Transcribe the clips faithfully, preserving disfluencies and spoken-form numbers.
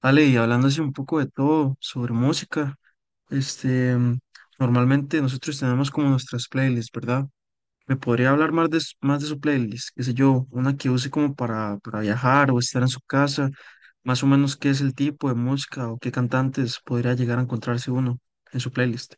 Ale, y hablando así un poco de todo sobre música, este, normalmente nosotros tenemos como nuestras playlists, ¿verdad? ¿Me podría hablar más de, s- más de su playlist? Qué sé yo, una que use como para, para viajar o estar en su casa, más o menos qué es el tipo de música o qué cantantes podría llegar a encontrarse uno en su playlist.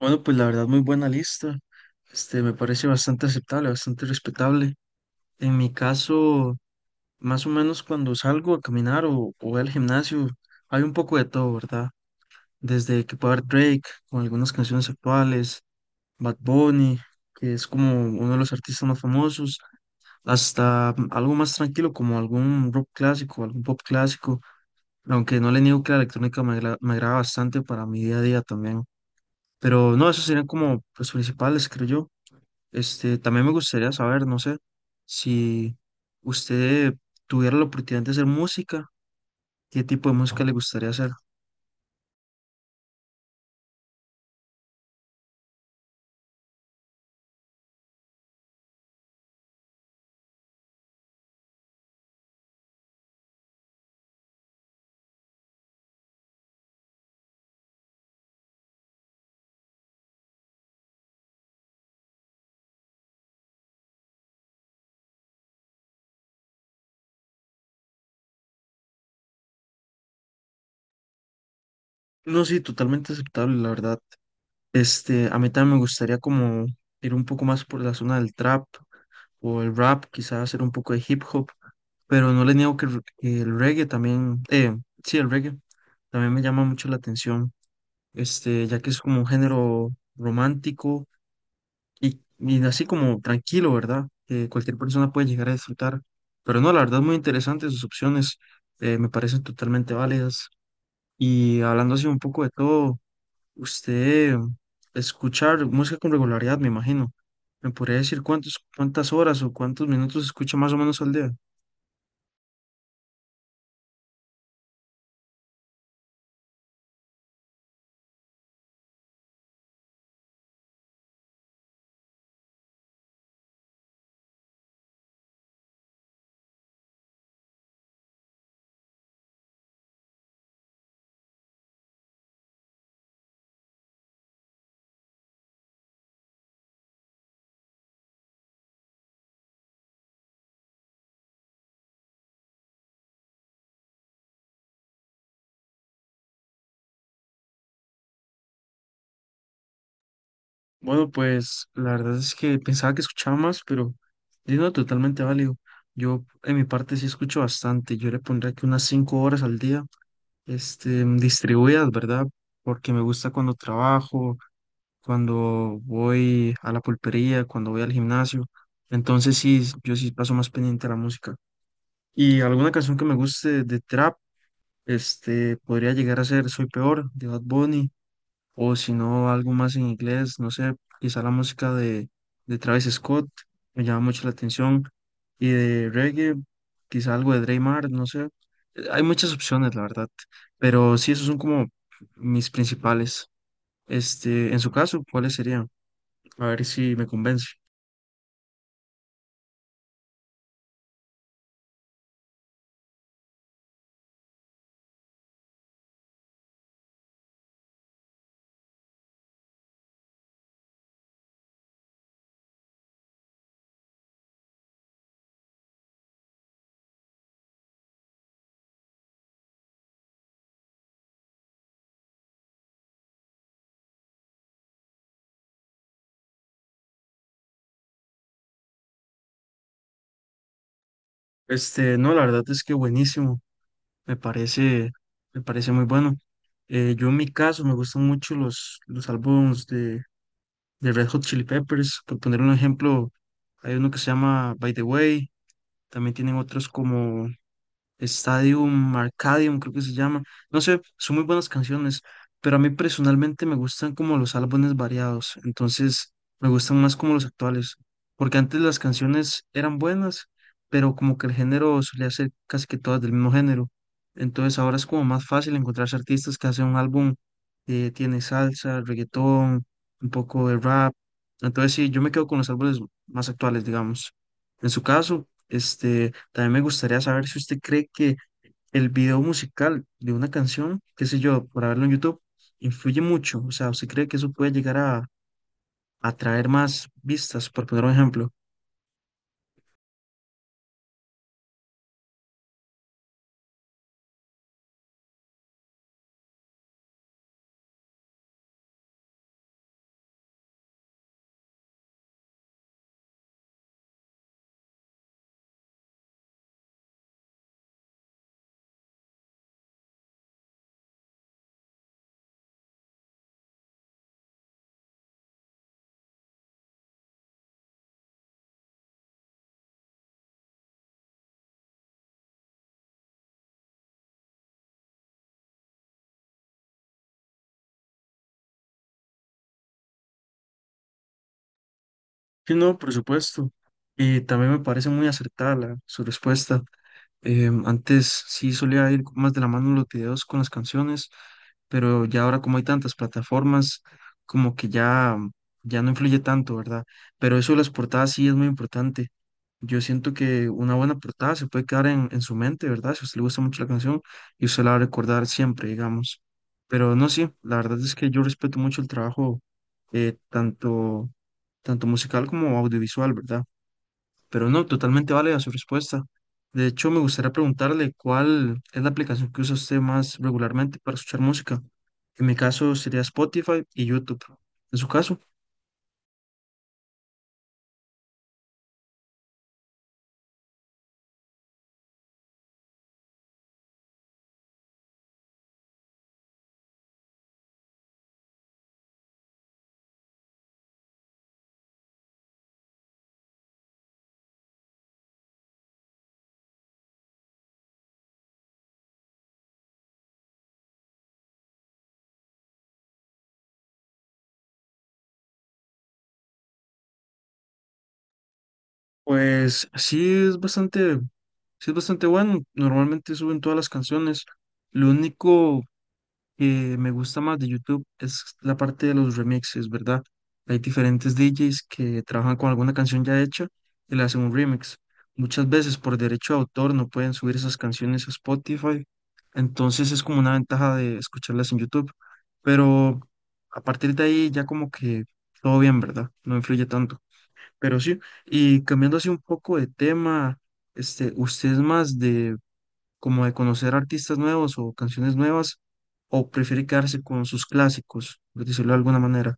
Bueno, pues la verdad, muy buena lista. Este, me parece bastante aceptable, bastante respetable. En mi caso, más o menos cuando salgo a caminar o, o voy al gimnasio, hay un poco de todo, ¿verdad? Desde que puede haber Drake con algunas canciones actuales, Bad Bunny, que es como uno de los artistas más famosos, hasta mm, algo más tranquilo como algún rock clásico, algún pop clásico, aunque no le niego que la electrónica me, agra- me agrada bastante para mi día a día también. Pero no, esos serían como los principales, creo yo. Este, también me gustaría saber, no sé, si usted tuviera la oportunidad de hacer música, qué tipo de música le gustaría hacer. No, sí, totalmente aceptable, la verdad. Este, a mí también me gustaría como ir un poco más por la zona del trap o el rap, quizás hacer un poco de hip hop, pero no le niego que el que el reggae también, eh, sí, el reggae también me llama mucho la atención, este, ya que es como un género romántico y, y así como tranquilo, ¿verdad? Que cualquier persona puede llegar a disfrutar. Pero no, la verdad, muy interesantes sus opciones, eh, me parecen totalmente válidas. Y hablando así un poco de todo, usted escucha música con regularidad, me imagino. ¿Me podría decir cuántos, cuántas horas o cuántos minutos escucha más o menos al día? Bueno, pues la verdad es que pensaba que escuchaba más, pero yo no, totalmente válido. Yo en mi parte sí escucho bastante. Yo le pondría que unas cinco horas al día, este, distribuidas, ¿verdad? Porque me gusta cuando trabajo, cuando voy a la pulpería, cuando voy al gimnasio. Entonces sí, yo sí paso más pendiente a la música. Y alguna canción que me guste de trap, este, podría llegar a ser Soy Peor de Bad Bunny, o si no, algo más en inglés, no sé, quizá la música de, de Travis Scott, me llama mucho la atención, y de reggae, quizá algo de Dre Mar, no sé. Eh, Hay muchas opciones, la verdad, pero sí, esos son como mis principales. Este, en su caso, ¿cuáles serían? A ver si me convence. Este, no, la verdad es que buenísimo. Me parece, me parece muy bueno. Eh, yo en mi caso me gustan mucho los, los álbumes de, de Red Hot Chili Peppers. Por poner un ejemplo, hay uno que se llama By the Way. También tienen otros como Stadium Arcadium, creo que se llama. No sé, son muy buenas canciones, pero a mí personalmente me gustan como los álbumes variados, entonces me gustan más como los actuales, porque antes las canciones eran buenas, pero como que el género solía ser casi que todas del mismo género. Entonces ahora es como más fácil encontrarse artistas que hacen un álbum que tiene salsa, reggaetón, un poco de rap. Entonces sí, yo me quedo con los álbumes más actuales, digamos. En su caso, este... también me gustaría saber si usted cree que el video musical de una canción, qué sé yo, por haberlo en YouTube, influye mucho. O sea, ¿usted cree que eso puede llegar a atraer más vistas, por poner un ejemplo? Sí, no, por supuesto. Y también me parece muy acertada la- su respuesta. Em, antes sí solía ir más de la mano los videos con las canciones, pero ya ahora como hay tantas plataformas, como que ya, ya no influye tanto, ¿verdad? Pero eso de las portadas sí es muy importante. Yo siento que una buena portada se puede quedar en, en su mente, ¿verdad? Si a usted le gusta mucho la canción y usted la va a recordar siempre, digamos. Pero no, sí, la verdad es que yo respeto mucho el trabajo, eh, tanto, tanto musical como audiovisual, ¿verdad? Pero no, totalmente vale a su respuesta. De hecho, me gustaría preguntarle cuál es la aplicación que usa usted más regularmente para escuchar música. En mi caso sería Spotify y YouTube. ¿En su caso? Pues sí es bastante, sí es bastante bueno. Normalmente suben todas las canciones. Lo único que me gusta más de YouTube es la parte de los remixes, ¿verdad? Hay diferentes D Js que trabajan con alguna canción ya hecha y le hacen un remix. Muchas veces por derecho de autor no pueden subir esas canciones a Spotify. Entonces es como una ventaja de escucharlas en YouTube. Pero a partir de ahí ya como que todo bien, ¿verdad? No influye tanto. Pero sí, y, cambiando así un poco de tema, este, ¿usted es más de como de conocer artistas nuevos o canciones nuevas o prefiere quedarse con sus clásicos, por decirlo de alguna manera?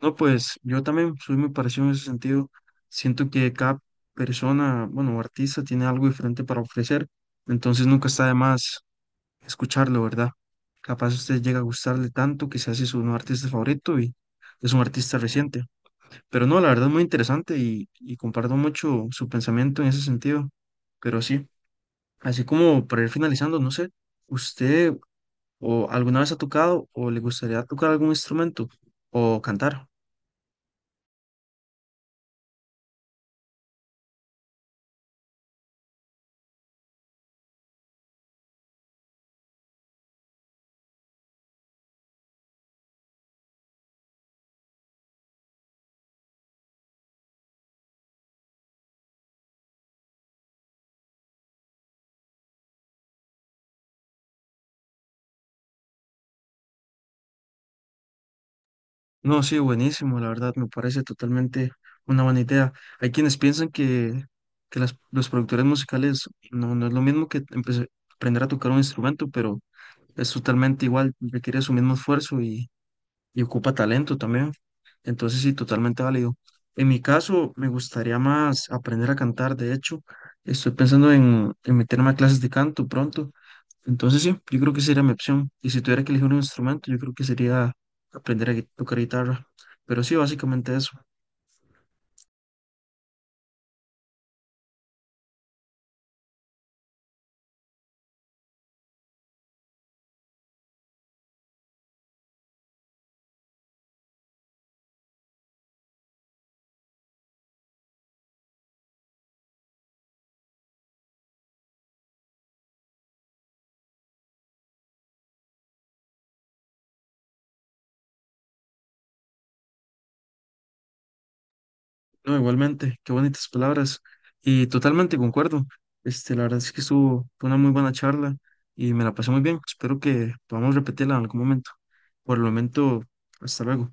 No, pues yo también soy muy parecido en ese sentido. Siento que cada persona, bueno, o artista tiene algo diferente para ofrecer, entonces nunca está de más escucharlo, ¿verdad? Capaz usted llega a gustarle tanto que se hace su nuevo artista favorito y es un artista reciente. Pero no, la verdad es muy interesante y, y comparto mucho su pensamiento en ese sentido. Pero sí, así como para ir finalizando, no sé, ¿usted o alguna vez ha tocado o le gustaría tocar algún instrumento o cantar? No, sí, buenísimo, la verdad me parece totalmente una buena idea. Hay quienes piensan que, que las- los productores musicales no, no es lo mismo que empece- aprender a tocar un instrumento, pero es totalmente igual, requiere su mismo esfuerzo y ocupa talento también. Entonces sí, totalmente válido. En mi caso, me gustaría más aprender a cantar. De hecho, estoy pensando en, en meterme a clases de canto pronto. Entonces sí, yo creo que sería mi opción. Y si tuviera que elegir un instrumento, yo creo que sería aprender a gui- tocar guitarra. Pero sí, básicamente eso. No, igualmente, qué bonitas palabras. Y totalmente concuerdo. Este, la verdad es que estuvo fue una muy buena charla y me la pasé muy bien. Espero que podamos repetirla en algún momento. Por el momento, hasta luego.